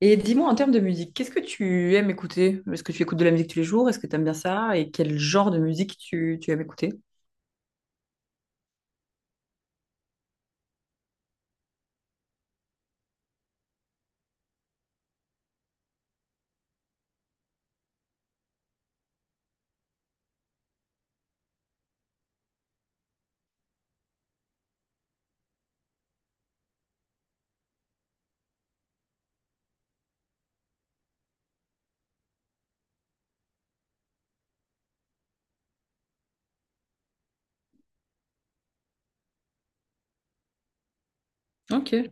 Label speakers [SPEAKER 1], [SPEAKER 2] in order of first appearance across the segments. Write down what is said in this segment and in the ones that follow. [SPEAKER 1] Et dis-moi en termes de musique, qu'est-ce que tu aimes écouter? Est-ce que tu écoutes de la musique tous les jours? Est-ce que tu aimes bien ça? Et quel genre de musique tu aimes écouter? Ok.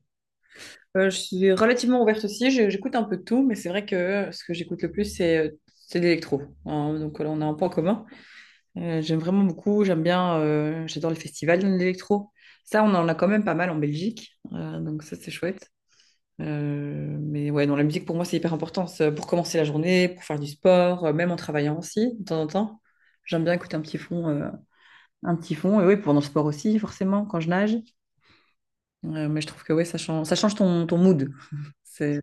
[SPEAKER 1] Je suis relativement ouverte aussi. Je- j'écoute un peu de tout, mais c'est vrai que ce que j'écoute le plus, c'est de l'électro. Hein, donc là, on a un point commun. J'aime vraiment beaucoup, j'aime bien, j'adore les festivals d'électro. Ça, on en a quand même pas mal en Belgique. Donc ça, c'est chouette. Mais ouais, non, la musique pour moi c'est hyper important. C'est pour commencer la journée, pour faire du sport, même en travaillant aussi de temps en temps. J'aime bien écouter un petit fond, un petit fond. Et oui, pendant le sport aussi forcément quand je nage. Mais je trouve que ouais, ça change ton, ton mood. C'est,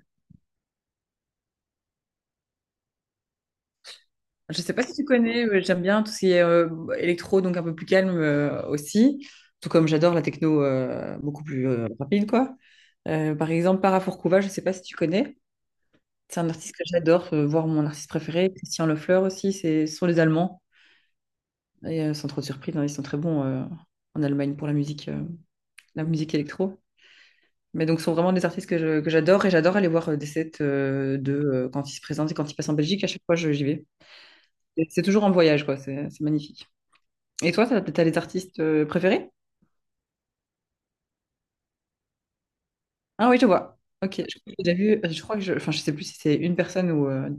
[SPEAKER 1] je sais pas si tu connais, mais j'aime bien tout ce qui est électro, donc un peu plus calme aussi. Tout comme j'adore la techno beaucoup plus rapide quoi. Par exemple, Parafourcouva, je sais pas si tu connais. C'est un artiste que j'adore, voir mon artiste préféré, Christian Lefleur aussi, c'est, ce sont les Allemands. Et sans trop de surprise, hein, ils sont très bons en Allemagne pour la musique électro. Mais donc, ce sont vraiment des artistes que que j'adore, et j'adore aller voir des sets de quand ils se présentent et quand ils passent en Belgique. À chaque fois, j'y vais. Et c'est toujours en voyage, quoi. C'est magnifique. Et toi, t'as les artistes préférés? Ah oui, je vois. Ok. J'ai déjà vu, je crois que enfin, je sais plus si c'est une personne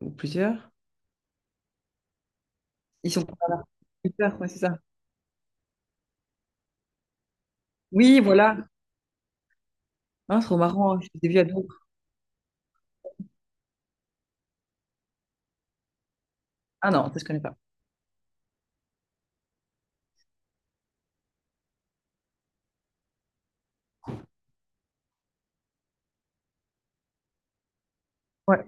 [SPEAKER 1] ou plusieurs. Ils sont. Super, ouais, c'est ça. Oui, voilà. Ah, trop marrant, je les ai vus à d'autres. Ah non, ça je connais pas. Ouais.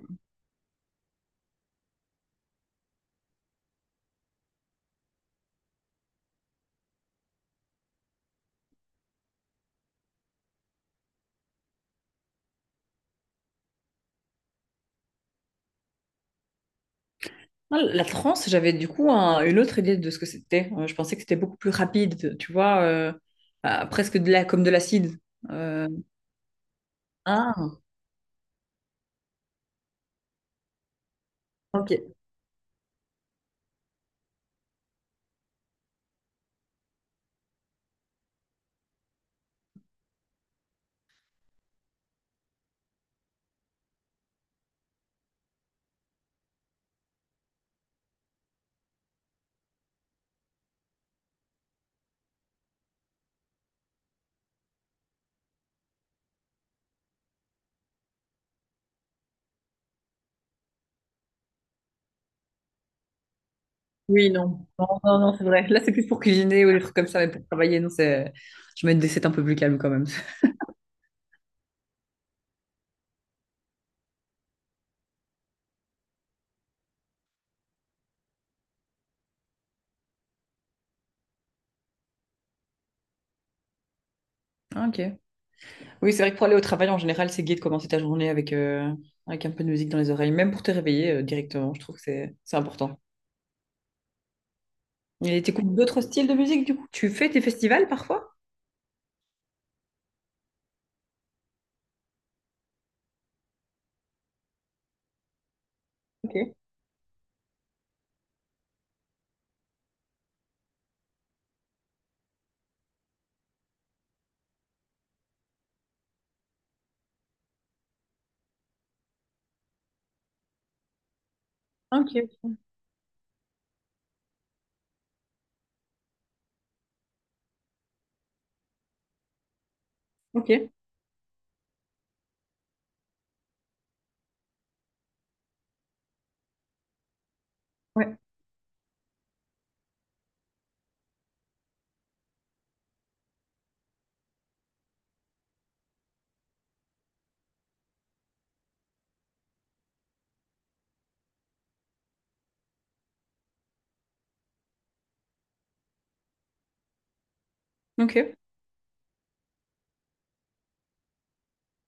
[SPEAKER 1] Ah, la trance, j'avais du coup une autre idée de ce que c'était. Je pensais que c'était beaucoup plus rapide, tu vois, ah, presque de la, comme de l'acide. Euh, Ah, ok. Oui, non. Non, non, non, c'est vrai. Là, c'est plus pour cuisiner ou des trucs comme ça, mais pour travailler, non, c'est... Je mets des sets un peu plus calmes quand même. Ah, ok. Oui, c'est vrai que pour aller au travail, en général, c'est gai de commencer ta journée avec, avec un peu de musique dans les oreilles, même pour te réveiller directement. Je trouve que c'est important. Et t'écoutes d'autres styles de musique, du coup? Tu fais tes festivals parfois? Ok. Ok. Ok. Ouais. Ok.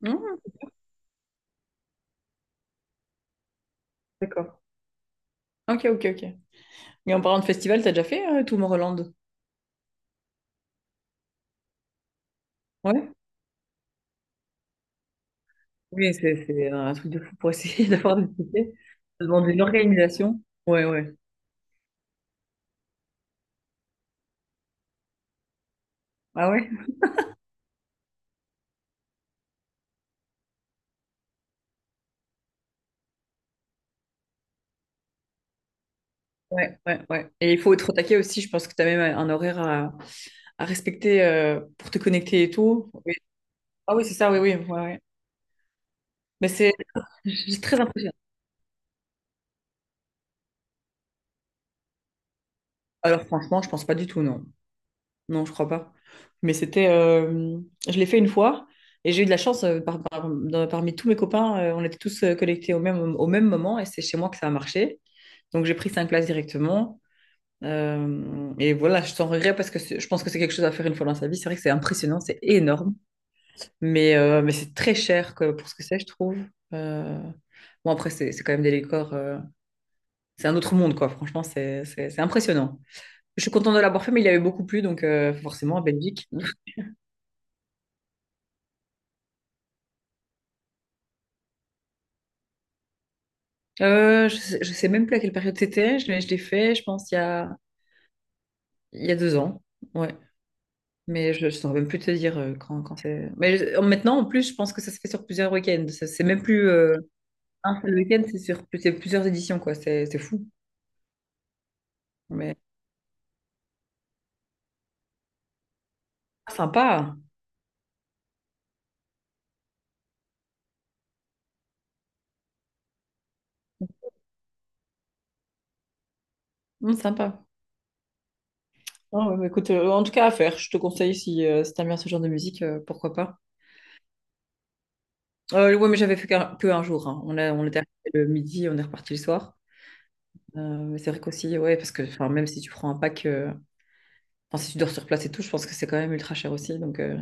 [SPEAKER 1] Mmh. D'accord. Ok, ok, ok. Et en parlant de festival, t'as déjà fait Tomorrowland? Ouais. Oui, c'est un truc de fou pour essayer d'avoir des tickets. Ça demande une organisation. Ouais, ouais. Ah ouais? Ouais, ouais, ouais. Et il faut être au taquet aussi, je pense que t'as même un horaire à respecter pour te connecter et tout. Oui. Ah oui, c'est ça, oui, oui. Ouais, ouais. Mais c'est très impressionnant. Alors franchement, je pense pas du tout, non. Non, je crois pas. Mais c'était. Je l'ai fait une fois et j'ai eu de la chance parmi tous mes copains. On était tous connectés au même moment et c'est chez moi que ça a marché. Donc j'ai pris 5 places directement. Et voilà, je t'en regrette parce que je pense que c'est quelque chose à faire une fois dans sa vie. C'est vrai que c'est impressionnant, c'est énorme. Mais c'est très cher pour ce que c'est, je trouve. Euh, Bon, après, c'est quand même des décors. C'est un autre monde, quoi. Franchement, c'est impressionnant. Je suis contente de l'avoir fait, mais il y avait beaucoup plus, donc forcément, à Belgique. Je sais, je sais même plus à quelle période c'était, je l'ai fait, je pense, il y a 2 ans. Ouais. Mais je ne saurais même plus te dire quand c'est. Mais maintenant, en plus, je pense que ça se fait sur plusieurs week-ends. C'est même plus un seul week-end, c'est sur c'est plusieurs éditions, quoi. C'est fou. Mais ah, sympa. Sympa. Ah ouais, mais écoute, en tout cas, à faire. Je te conseille si, si t'aimes bien ce genre de musique, pourquoi pas. Ouais, mais j'avais fait que un jour, hein. On était arrivé le midi, on est reparti le soir. Euh, mais c'est vrai qu'aussi, ouais, parce que enfin, même si tu prends un pack. Enfin, si tu dors sur place et tout, je pense que c'est quand même ultra cher aussi. Donc,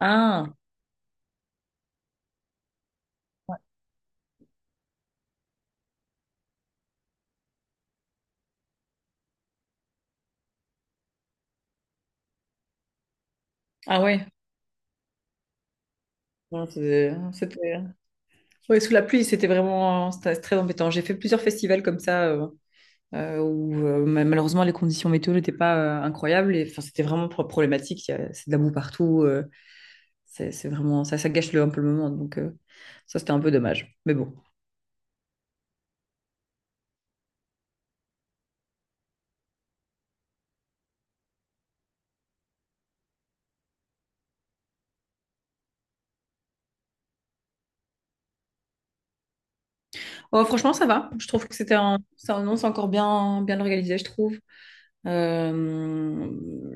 [SPEAKER 1] ah, ah ouais. Non, c'était ouais, sous la pluie, c'était vraiment c'était très embêtant. J'ai fait plusieurs festivals comme ça où malheureusement les conditions météo n'étaient pas incroyables et enfin c'était vraiment problématique. C'est de la boue partout. C'est vraiment ça, ça gâche le, un peu le moment. Donc ça c'était un peu dommage. Mais bon. Oh, franchement ça va. Je trouve que c'était un, ça, non, c'est encore bien bien organisé, je trouve. Euh,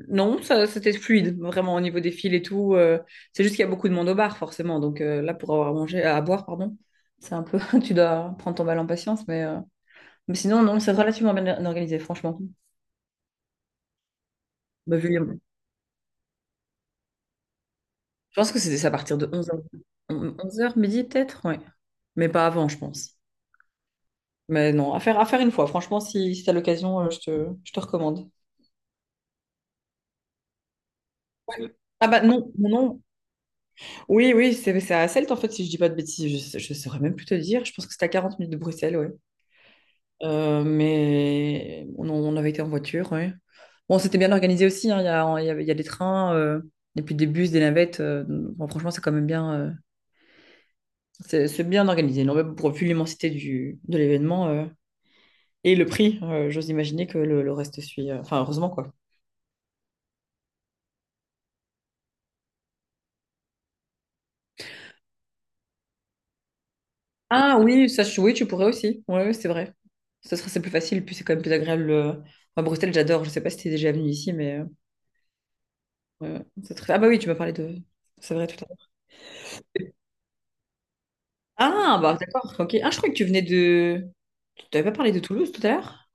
[SPEAKER 1] non, ça, c'était fluide, vraiment au niveau des fils et tout. C'est juste qu'il y a beaucoup de monde au bar, forcément. Donc là, pour avoir à manger, à boire, pardon, c'est un peu, tu dois prendre ton mal en patience. Mais sinon, non, c'est relativement bien organisé, franchement. Bah, vu les- Je pense que c'était ça à partir de 11 heures, 11 heures midi peut-être, ouais. Mais pas avant, je pense. Mais non, à faire une fois. Franchement, si, si t'as l'occasion, je te recommande. Ouais. Ah bah non, non, non, Oui, oui, c'est à Celt en fait, si je dis pas de bêtises, je saurais même plus te dire. Je pense que c'était à 40 minutes de Bruxelles, ouais. Mais on avait été en voiture, ouais. Bon, c'était bien organisé aussi, hein. Il y a des trains, et puis des bus, des navettes. Bon, franchement, c'est quand même bien, c'est bien organisé. Non, mais pour, vu l'immensité du, de l'événement et le prix, j'ose imaginer que le reste suit. Enfin, heureusement, quoi. Ah oui, ça, oui, tu pourrais aussi. Ouais, ouais, c'est vrai. Ce serait c'est plus facile, puis c'est quand même plus agréable. Enfin, Bruxelles, j'adore. Je sais pas si t'es déjà venu ici, mais. Ah bah oui, tu m'as parlé de... C'est vrai, tout à l'heure. Ah bah d'accord, ok. Ah, je croyais que tu venais de... Tu t'avais pas parlé de Toulouse tout à l'heure?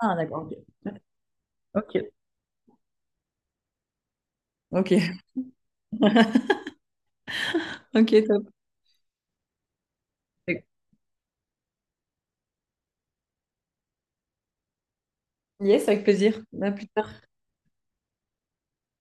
[SPEAKER 1] Ah d'accord, ok. Ok. Ok, ok, top. Yes, avec plaisir. À plus tard.